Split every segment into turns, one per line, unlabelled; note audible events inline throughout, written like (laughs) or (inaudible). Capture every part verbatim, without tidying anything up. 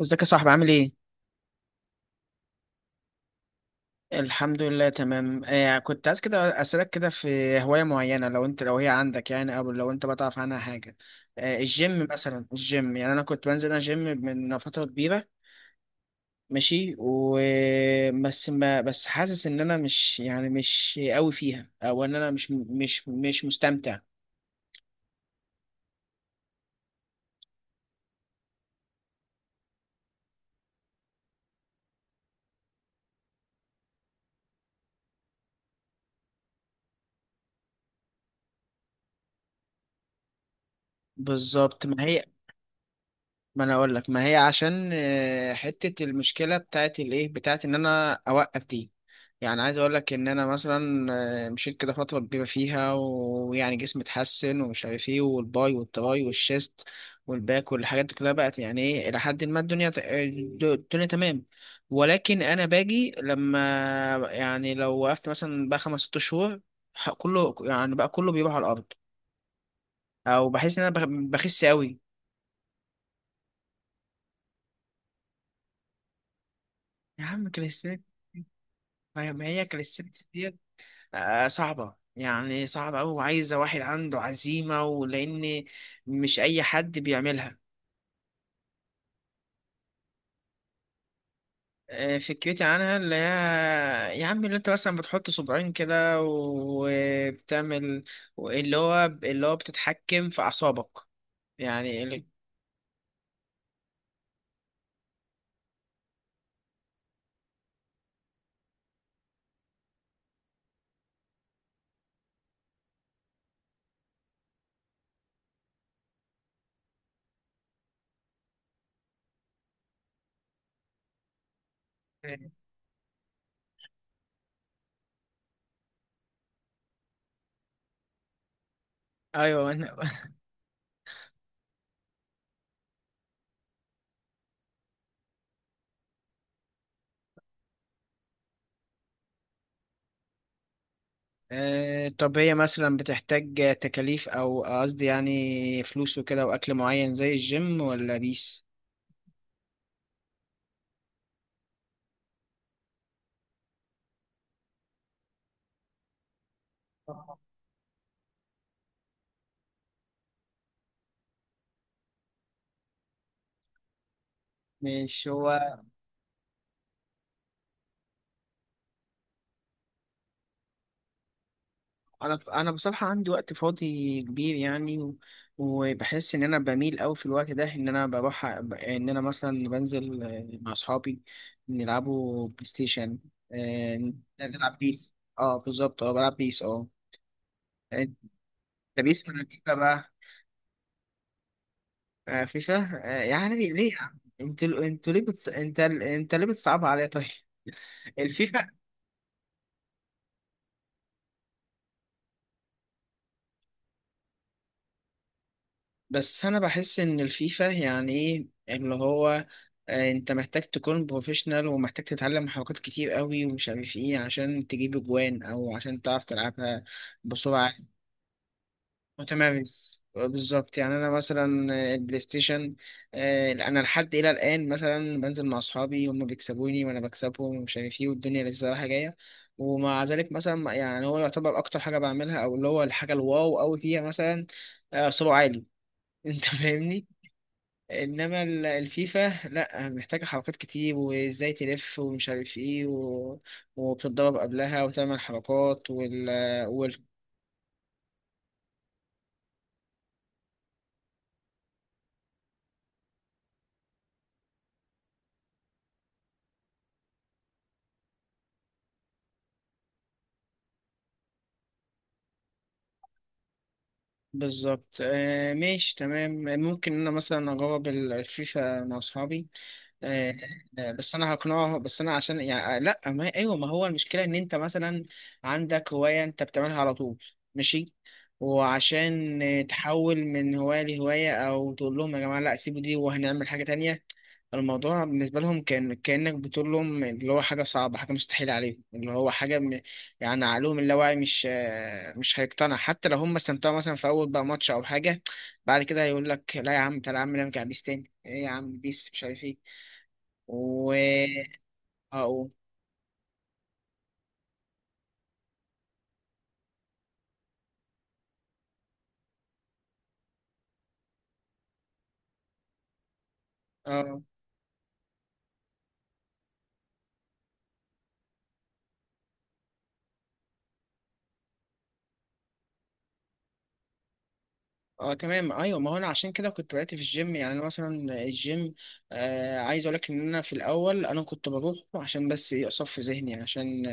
ازيك يا صاحبي، عامل ايه؟ الحمد لله، تمام. آه كنت عايز كده اسألك كده في هواية معينة، لو انت لو هي عندك يعني، او لو انت بتعرف عنها حاجة. آه الجيم مثلا. الجيم يعني انا كنت بنزل انا جيم من فترة كبيرة. ماشي. و بس ما بس حاسس ان انا مش يعني مش قوي فيها، او ان انا مش مش مش مستمتع. بالظبط، ما هي. ما انا اقول لك ما هي، عشان آه، حته المشكله بتاعت الايه بتاعت ان انا اوقف دي. يعني عايز اقول لك ان انا مثلا آه، مشيت كده فتره كبيره فيها، ويعني جسمي اتحسن، ومش عارف ايه، والباي والتراي والشيست والباك والحاجات دي كلها بقت يعني ايه، الى حد ما الدنيا ت- آه، الدنيا تمام. ولكن انا باجي لما، يعني لو وقفت مثلا بقى خمس ست شهور، ح- كله يعني بقى، كله بيروح على الارض، او بحس ان انا بخ- بخس قوي. يا عم كريستيانو، ما ما هي كاليستنكس ديت؟ آه، صعبة يعني، صعبة أوي، وعايزة واحد عنده عزيمة. ولأن مش أي حد بيعملها. آه، فكرتي عنها اللي هي يا عم، اللي أنت مثلا بتحط صباعين كده وبتعمل اللي هو اللي هو بتتحكم في أعصابك. يعني اللي... (laughs) أيوه، أنا- آه، طب هي مثلا بتحتاج تكاليف، أو قصدي يعني فلوس وكده، وأكل معين زي الجيم، ولا بيس؟ (laughs) مش هو. انا انا بصراحه عندي وقت فاضي كبير يعني، و- وبحس ان انا بميل قوي في الوقت ده ان انا بروح، أ- ب- ان انا مثلا بنزل آه، مع اصحابي نلعبوا بلاي ستيشن. آه، نلعب بيس. اه، بالظبط، اه، بلعب بيس، اه. انت بيس ولا فيفا بقى؟ آه، فيفا. آه، يعني ليه يا عم؟ انتوا انتوا ليه بتص... انت انت ليه بتصعبها عليا طيب؟ (laughs) الفيفا. بس انا بحس ان الفيفا يعني ايه، اللي هو آه، انت محتاج تكون بروفيشنال، ومحتاج تتعلم حركات كتير قوي، ومش عارف ايه، عشان تجيب اجوان، او عشان تعرف تلعبها بسرعة. متمرس بالظبط. يعني انا مثلا آه، البلاي ستيشن، آه، انا لحد الى الان مثلا بنزل مع اصحابي، هم بيكسبوني وانا بكسبهم ومش عارف ايه، والدنيا لسه رايحه جايه. ومع ذلك مثلا يعني هو يعتبر اكتر حاجه بعملها، او اللي هو الحاجه الواو قوي فيها مثلا آه، سرعه عالي. (laughs) انت فاهمني. انما ال- الفيفا لا، محتاجه حركات كتير، وازاي تلف، ومش عارف ايه، و وبتتضرب قبلها وتعمل حركات، وال، وال. بالظبط، آه، ماشي، تمام. ممكن انا مثلا اجرب ال- الفيفا مع اصحابي. آه، آه، بس انا هقنعه. بس انا عشان يعني آه، لا، ما ايوه، ما هو المشكله ان انت مثلا عندك هوايه انت بتعملها على طول، ماشي، وعشان آه، تحول من هوايه لهوايه، او تقول لهم يا جماعه لا، سيبوا دي وهنعمل حاجه تانية. الموضوع بالنسبة لهم كان كأنك بتقول لهم اللي هو حاجة صعبة، حاجة مستحيلة عليهم، اللي هو حاجة م. يعني عقلهم اللاواعي مش آه، مش هيقتنع، حتى لو هم استمتعوا مثلا في أول بقى ماتش أو حاجة، بعد كده هيقول لك لا يا عم، تعالى يا عم نرجع بيس تاني، إيه يا عم بيس مش عارف إيه. و أه. أه. اه، تمام، ايوه. ما هو انا عشان كده كنت بدأت في الجيم. يعني انا مثلا الجيم، آه عايز اقول لك ان انا في الاول انا كنت بروح عشان بس ايه، اصفي ذهني يعني، عشان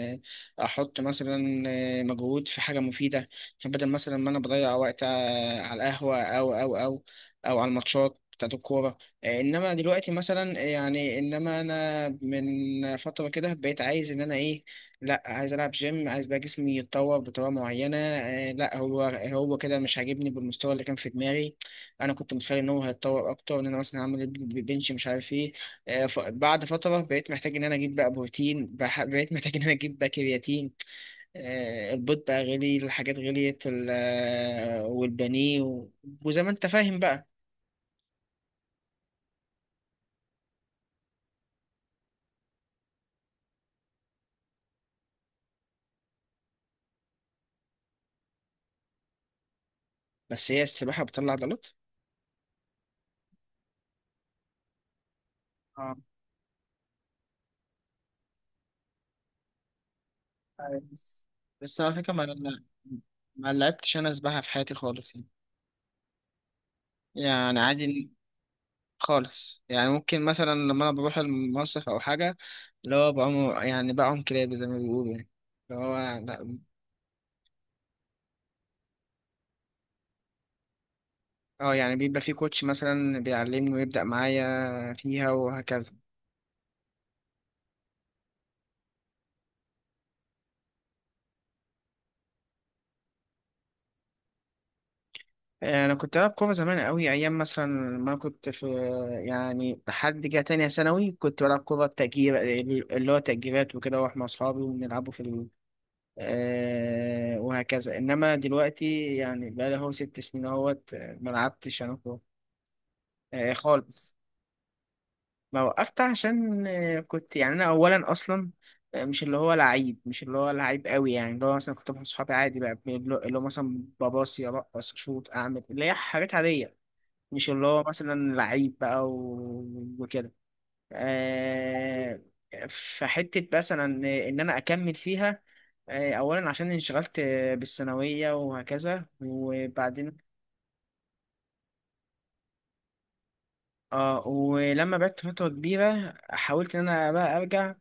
آه، احط مثلا آه، مجهود في حاجه مفيده، عشان بدل مثلا ما انا بضيع وقت آه، على القهوه، او او او او على الماتشات بتاعت الكوره. آه، انما دلوقتي مثلا يعني، انما انا من فتره كده بقيت عايز ان انا ايه، لا عايز العب جيم، عايز بقى جسمي يتطور بطريقه معينه. آه لا، هو هو كده مش عاجبني بالمستوى اللي كان في دماغي. انا كنت متخيل ان هو هيتطور اكتر، ان انا مثلا هعمل ب- بنش مش عارف ايه. آه، ف- بعد فتره بقيت محتاج ان انا اجيب بقى بروتين، بح- بقيت محتاج ان انا اجيب بقى كرياتين. آه البيض بقى غلي، الحاجات غليت ال- آه، والبانيه، و- وزي ما انت فاهم بقى. بس هي السباحه بتطلع عضلات. اه. بس، بس على فكره، ما ما لعبتش انا سباحه في حياتي خالص يعني، يعني عادي، خالص يعني. ممكن مثلا لما انا بروح المصيف او حاجه، اللي هو بعوم، يعني بعوم كلابي زي ما بيقولوا يعني، اللي هو لا- اه. يعني بيبقى في كوتش مثلا بيعلمني، ويبدأ معايا فيها وهكذا. انا كنت بلعب كوره زمان قوي، ايام مثلا ما كنت في، يعني لحد جه تانية ثانوي كنت بلعب كوره تأجير، اللي هو تأجيرات وكده، واروح مع اصحابي ونلعبوا في ال... آه وهكذا. انما دلوقتي يعني بقى لي هو ست سنين اهوت ما لعبتش انا آه، خالص. ما وقفت عشان آه، كنت يعني، انا اولا اصلا آه، مش اللي هو لعيب، مش اللي هو لعيب قوي، يعني اللي هو مثلا كنت مع صحابي عادي بقى، اللي هو اللي هو مثلا بباصي ارقص اشوط اعمل، اللي هي حاجات عاديه، مش اللي هو مثلا لعيب بقى، و- وكده. آه، فحته مثلا ان انا اكمل فيها آه، اولا عشان انشغلت آه، بالثانويه وهكذا، وبعدين اه، ولما بعدت فترة كبيرة حاولت ان انا بقى ارجع.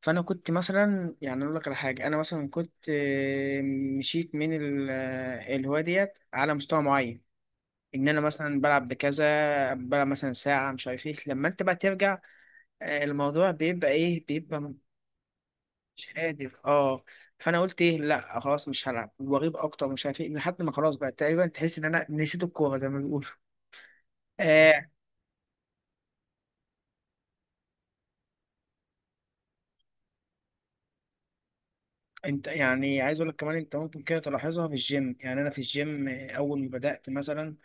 فانا كنت مثلا يعني اقول لك على حاجه، انا مثلا كنت آه، مشيت من ال- آه، الهوايه ديت على مستوى معين، ان انا مثلا بلعب بكذا، بلعب مثلا ساعه مش عارف ايه. لما انت بقى ترجع، آه، الموضوع بيبقى ايه، بيبقى مش قادر، اه. فانا قلت ايه، لا خلاص مش هلعب، واغيب اكتر، مش عارف ايه، لحد ما خلاص بقى تقريبا تحس ان انا نسيت الكوره زي ما بيقولوا. آه، انت يعني عايز اقول لك كمان، انت ممكن كده تلاحظها في الجيم. يعني انا في الجيم اول ما بدأت مثلا،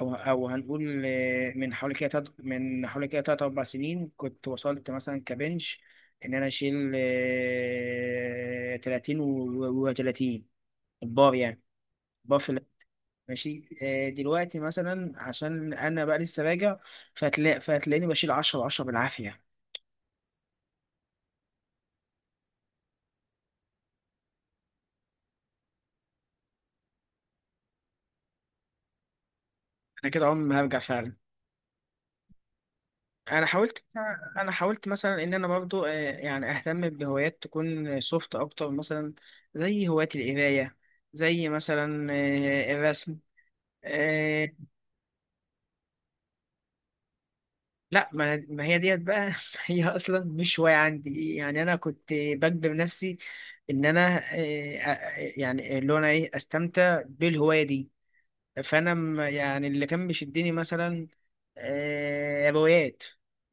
او او هنقول آه، من حوالي كده تلات- من حوالي كده تلات اربع سنين كنت وصلت مثلا كبنش ان انا اشيل تلاتين وتلاتين البار يعني، البار في ال- ماشي. آه، دلوقتي مثلا عشان انا بقى لسه راجع، فهتلاقي، فهتلاقيني بشيل عشرة عشرة بالعافية. انا كده عمري ما هرجع فعلا. انا حاولت. انا حاولت مثلا ان انا برضو آه، يعني اهتم بهوايات تكون سوفت اكتر مثلا، زي هواية القرايه، زي مثلا آه، الرسم، آه، لا، ما أنا- ما هي ديت بقى. (laughs) هي اصلا مش هوايه عندي يعني. انا كنت بجبر نفسي ان انا آه، آه، يعني اللي هو انا ايه، استمتع بالهوايه دي. فانا م- يعني اللي كان بيشدني مثلا آه، روايات،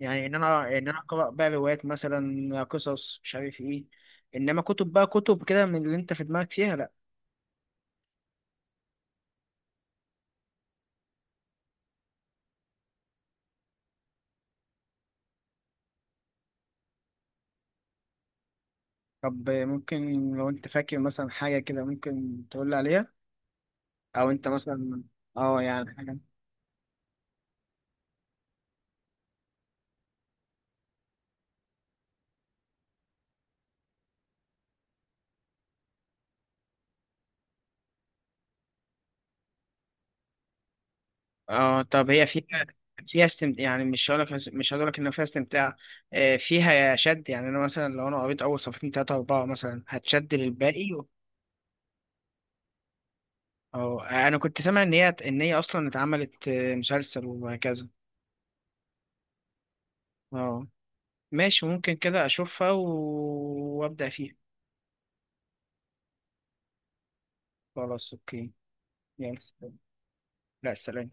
يعني ان انا ان انا اقرا بقى روايات، مثلا قصص مش عارف ايه. انما كتب بقى، كتب كده من اللي انت في دماغك فيها، لا. طب ممكن لو انت فاكر مثلا حاجه كده ممكن تقول لي عليها، او انت مثلا، اه يعني حاجه. اه، طب هي فيها، فيها استمتاع يعني، مش هقول لك، مش هقول لك ان فيها استمتاع، آه، فيها شد يعني. انا مثلا لو انا قريت اول صفحتين ثلاثه اربعه مثلا هتشد للباقي. اه، انا كنت سامع ان هي ان هي اصلا اتعملت آه، مسلسل، وهكذا. اه، ماشي، ممكن كده اشوفها و وابدا فيها. خلاص، اوكي. يلا سلام. لا سلام.